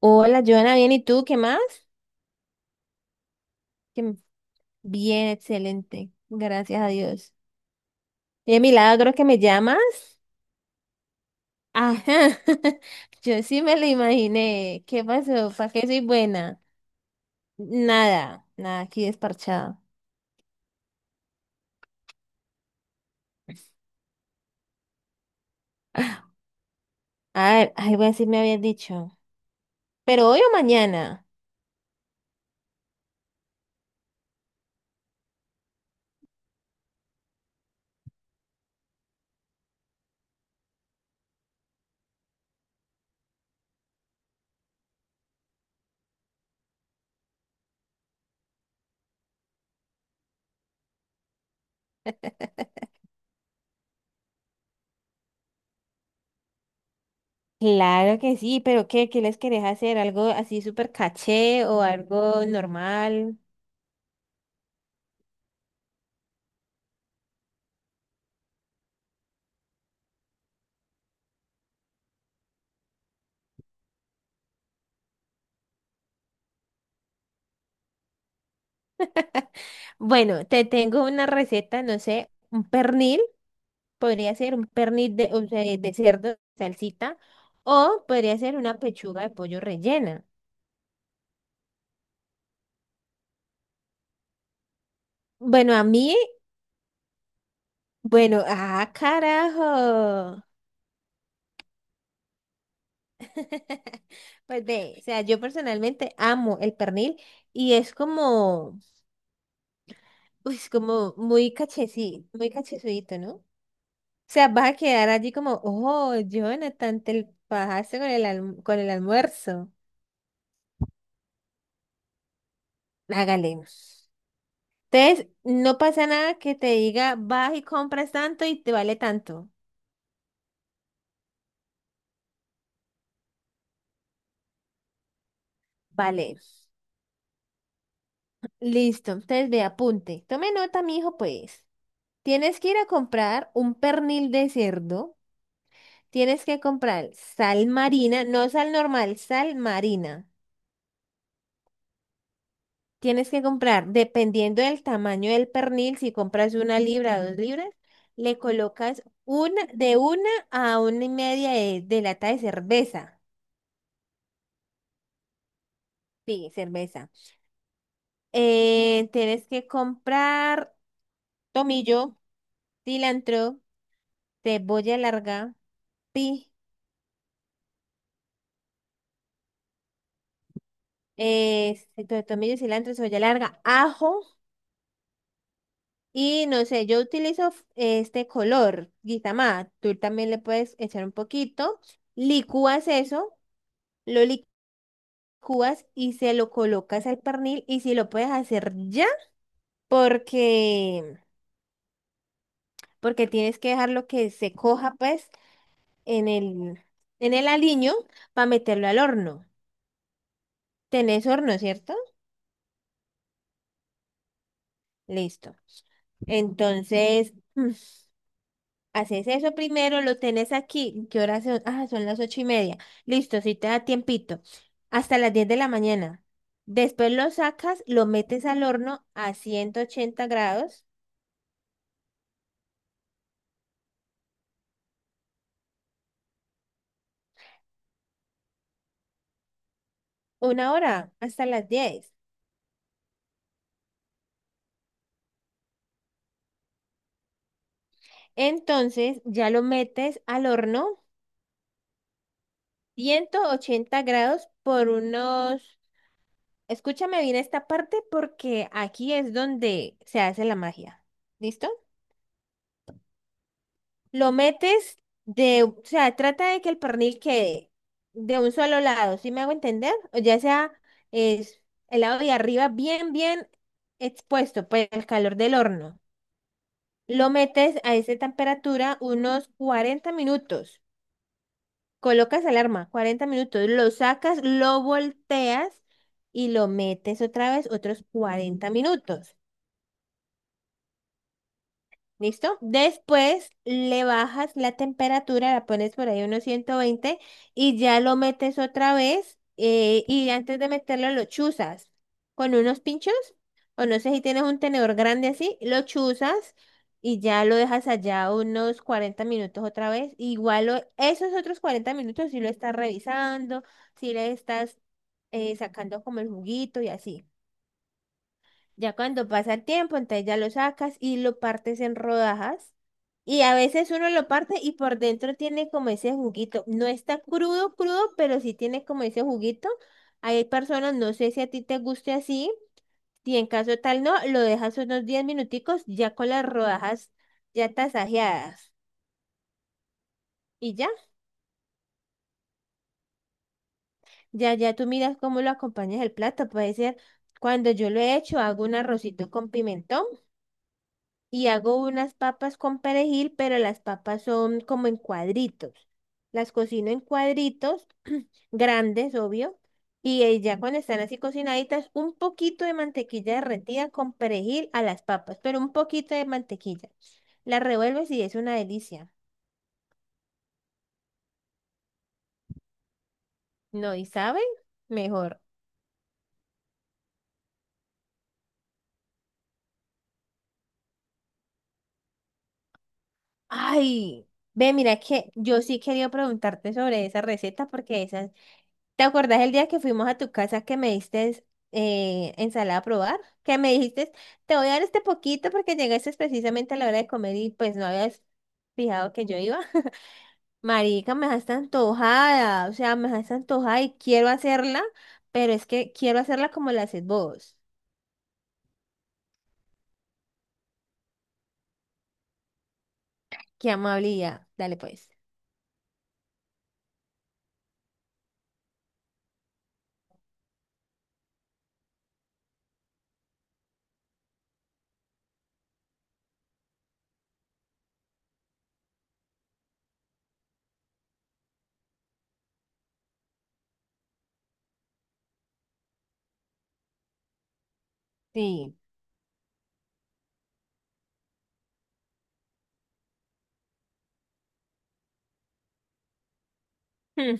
Hola, Joana, bien, ¿y tú qué más? Que- Bien, excelente, gracias a Dios. Qué milagro que me llamas. Ajá, yo sí me lo imaginé. ¿Qué pasó? ¿Para qué soy buena? Nada, nada, aquí desparchada. Ay, algo así me habías dicho. ¿Pero hoy o mañana? Claro que sí, pero ¿qué? ¿Qué les querés hacer? ¿Algo así súper caché o algo normal? Bueno, te tengo una receta, no sé, un pernil. Podría ser un pernil de, o sea, de cerdo en salsita o podría ser una pechuga de pollo rellena. Bueno, a mí, bueno, ah, carajo. Pues ve, o sea, yo personalmente amo el pernil y es como, uy, es como muy cachecito, muy cachezudito, ¿no? O sea, vas a quedar allí como, oh, Jonathan, te pasaste con el, con el almuerzo. Hágale. Entonces, no pasa nada que te diga, vas y compras tanto y te vale tanto. Vale. Listo. Entonces, ve, apunte. Tome nota, mi hijo, pues. Tienes que ir a comprar un pernil de cerdo. Tienes que comprar sal marina, no sal normal, sal marina. Tienes que comprar, dependiendo del tamaño del pernil, si compras una libra o dos libras, le colocas una, de una a una y media de, lata de cerveza. Sí, cerveza. Tienes que comprar tomillo, cilantro, cebolla larga, pi, tomillo, cilantro, cebolla larga, ajo y no sé, yo utilizo este color, guisamá, tú también le puedes echar un poquito, licúas eso, lo licúas y se lo colocas al pernil y si lo puedes hacer ya, porque, porque tienes que dejarlo que se coja pues en el, en el aliño para meterlo al horno. Tenés horno, ¿cierto? Listo. Entonces, haces eso primero, lo tenés aquí. ¿Qué hora son? Ah, son las 8:30. Listo, si te da tiempito. Hasta las 10 de la mañana. Después lo sacas, lo metes al horno a 180 grados, una hora, hasta las 10. Entonces, ya lo metes al horno, 180 grados por unos... Escúchame bien esta parte porque aquí es donde se hace la magia. ¿Listo? Lo metes de, o sea, trata de que el pernil quede de un solo lado, ¿sí me hago entender? O ya sea es el lado de arriba bien, bien expuesto, pues el calor del horno. Lo metes a esa temperatura unos 40 minutos. Colocas alarma, 40 minutos. Lo sacas, lo volteas y lo metes otra vez otros 40 minutos. ¿Listo? Después le bajas la temperatura, la pones por ahí unos 120 y ya lo metes otra vez y antes de meterlo lo chuzas con unos pinchos o no sé si tienes un tenedor grande así, lo chuzas y ya lo dejas allá unos 40 minutos otra vez. Igual esos otros 40 minutos si lo estás revisando, si le estás sacando como el juguito y así. Ya cuando pasa el tiempo, entonces ya lo sacas y lo partes en rodajas y a veces uno lo parte y por dentro tiene como ese juguito. No está crudo, crudo, pero sí tiene como ese juguito. Hay personas, no sé si a ti te guste así, y en caso tal no, lo dejas unos 10 minuticos ya con las rodajas ya tasajeadas. Y ya, ya, ya tú miras cómo lo acompañas el plato. Puede ser, cuando yo lo he hecho, hago un arrocito con pimentón y hago unas papas con perejil, pero las papas son como en cuadritos. Las cocino en cuadritos grandes, obvio, y ya cuando están así cocinaditas, un poquito de mantequilla derretida con perejil a las papas, pero un poquito de mantequilla. Las revuelves y es una delicia. No, ¿y saben? Mejor. Ay, ve, mira que yo sí quería preguntarte sobre esa receta porque esa ¿Te acordás el día que fuimos a tu casa que me diste ensalada a probar? Que me dijiste, te voy a dar este poquito porque llegaste precisamente a la hora de comer y pues no habías fijado que yo iba. Marica, me dejaste antojada, o sea, me dejaste antojada y quiero hacerla, pero es que quiero hacerla como la haces vos. Qué amabilidad. Dale pues. Sí. Hmm,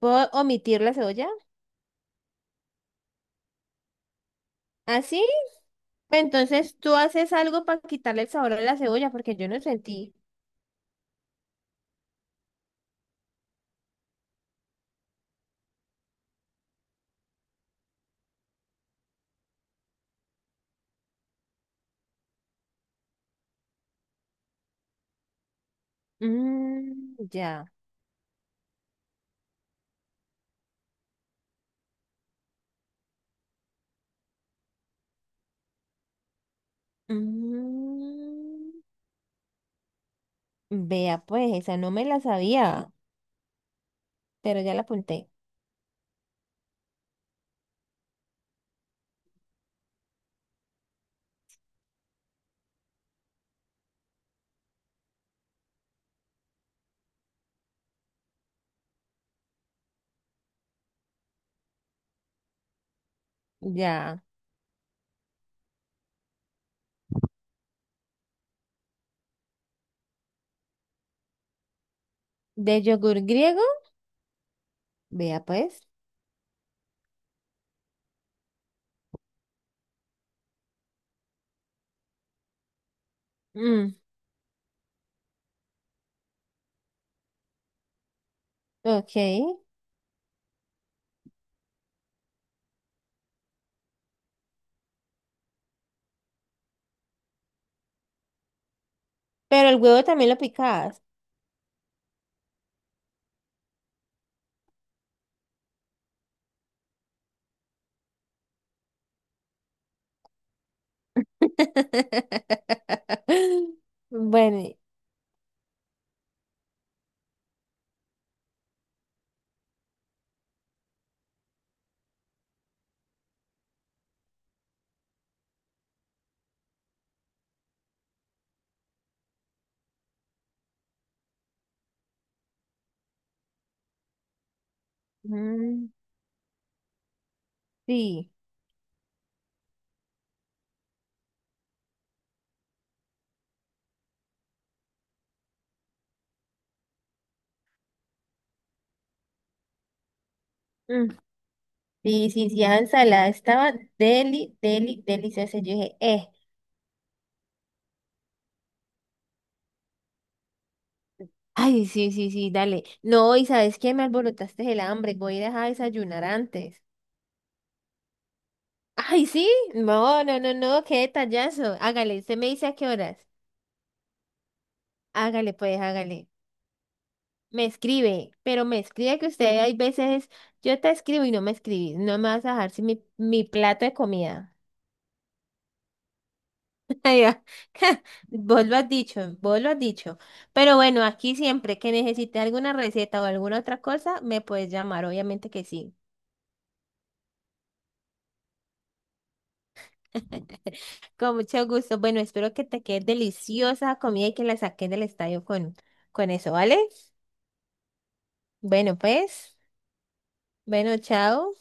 ¿Puedo omitir la cebolla? ¿Así? Entonces tú haces algo para quitarle el sabor a la cebolla porque yo no sentí. Mm, ya. Mm, vea, pues, esa no me la sabía, pero ya la apunté. Ya. De yogur griego, vea, pues. Mm, ok. Pero el huevo también lo picabas. Bueno, mm, sí. Mm, sí, sí, sí, esa ensalada estaba deli, deli, deliciosa. Yo dije, ay, sí, sí, sí, dale. No, y ¿sabes qué? Me alborotaste el hambre. Voy a ir a desayunar antes. Ay, sí, no, no, no, no, qué detallazo. Hágale, usted me dice a qué horas. Hágale, pues, hágale. Me escribe, pero me escribe que usted hay veces, yo te escribo y no me escribís, no me vas a dejar sin mi plato de comida. Ay, ah, Vos lo has dicho, vos lo has dicho. Pero bueno, aquí siempre que necesite alguna receta o alguna otra cosa, me puedes llamar, obviamente que sí. Con mucho gusto. Bueno, espero que te quede deliciosa comida y que la saques del estadio con, eso, ¿vale? Bueno, pues, bueno, chao.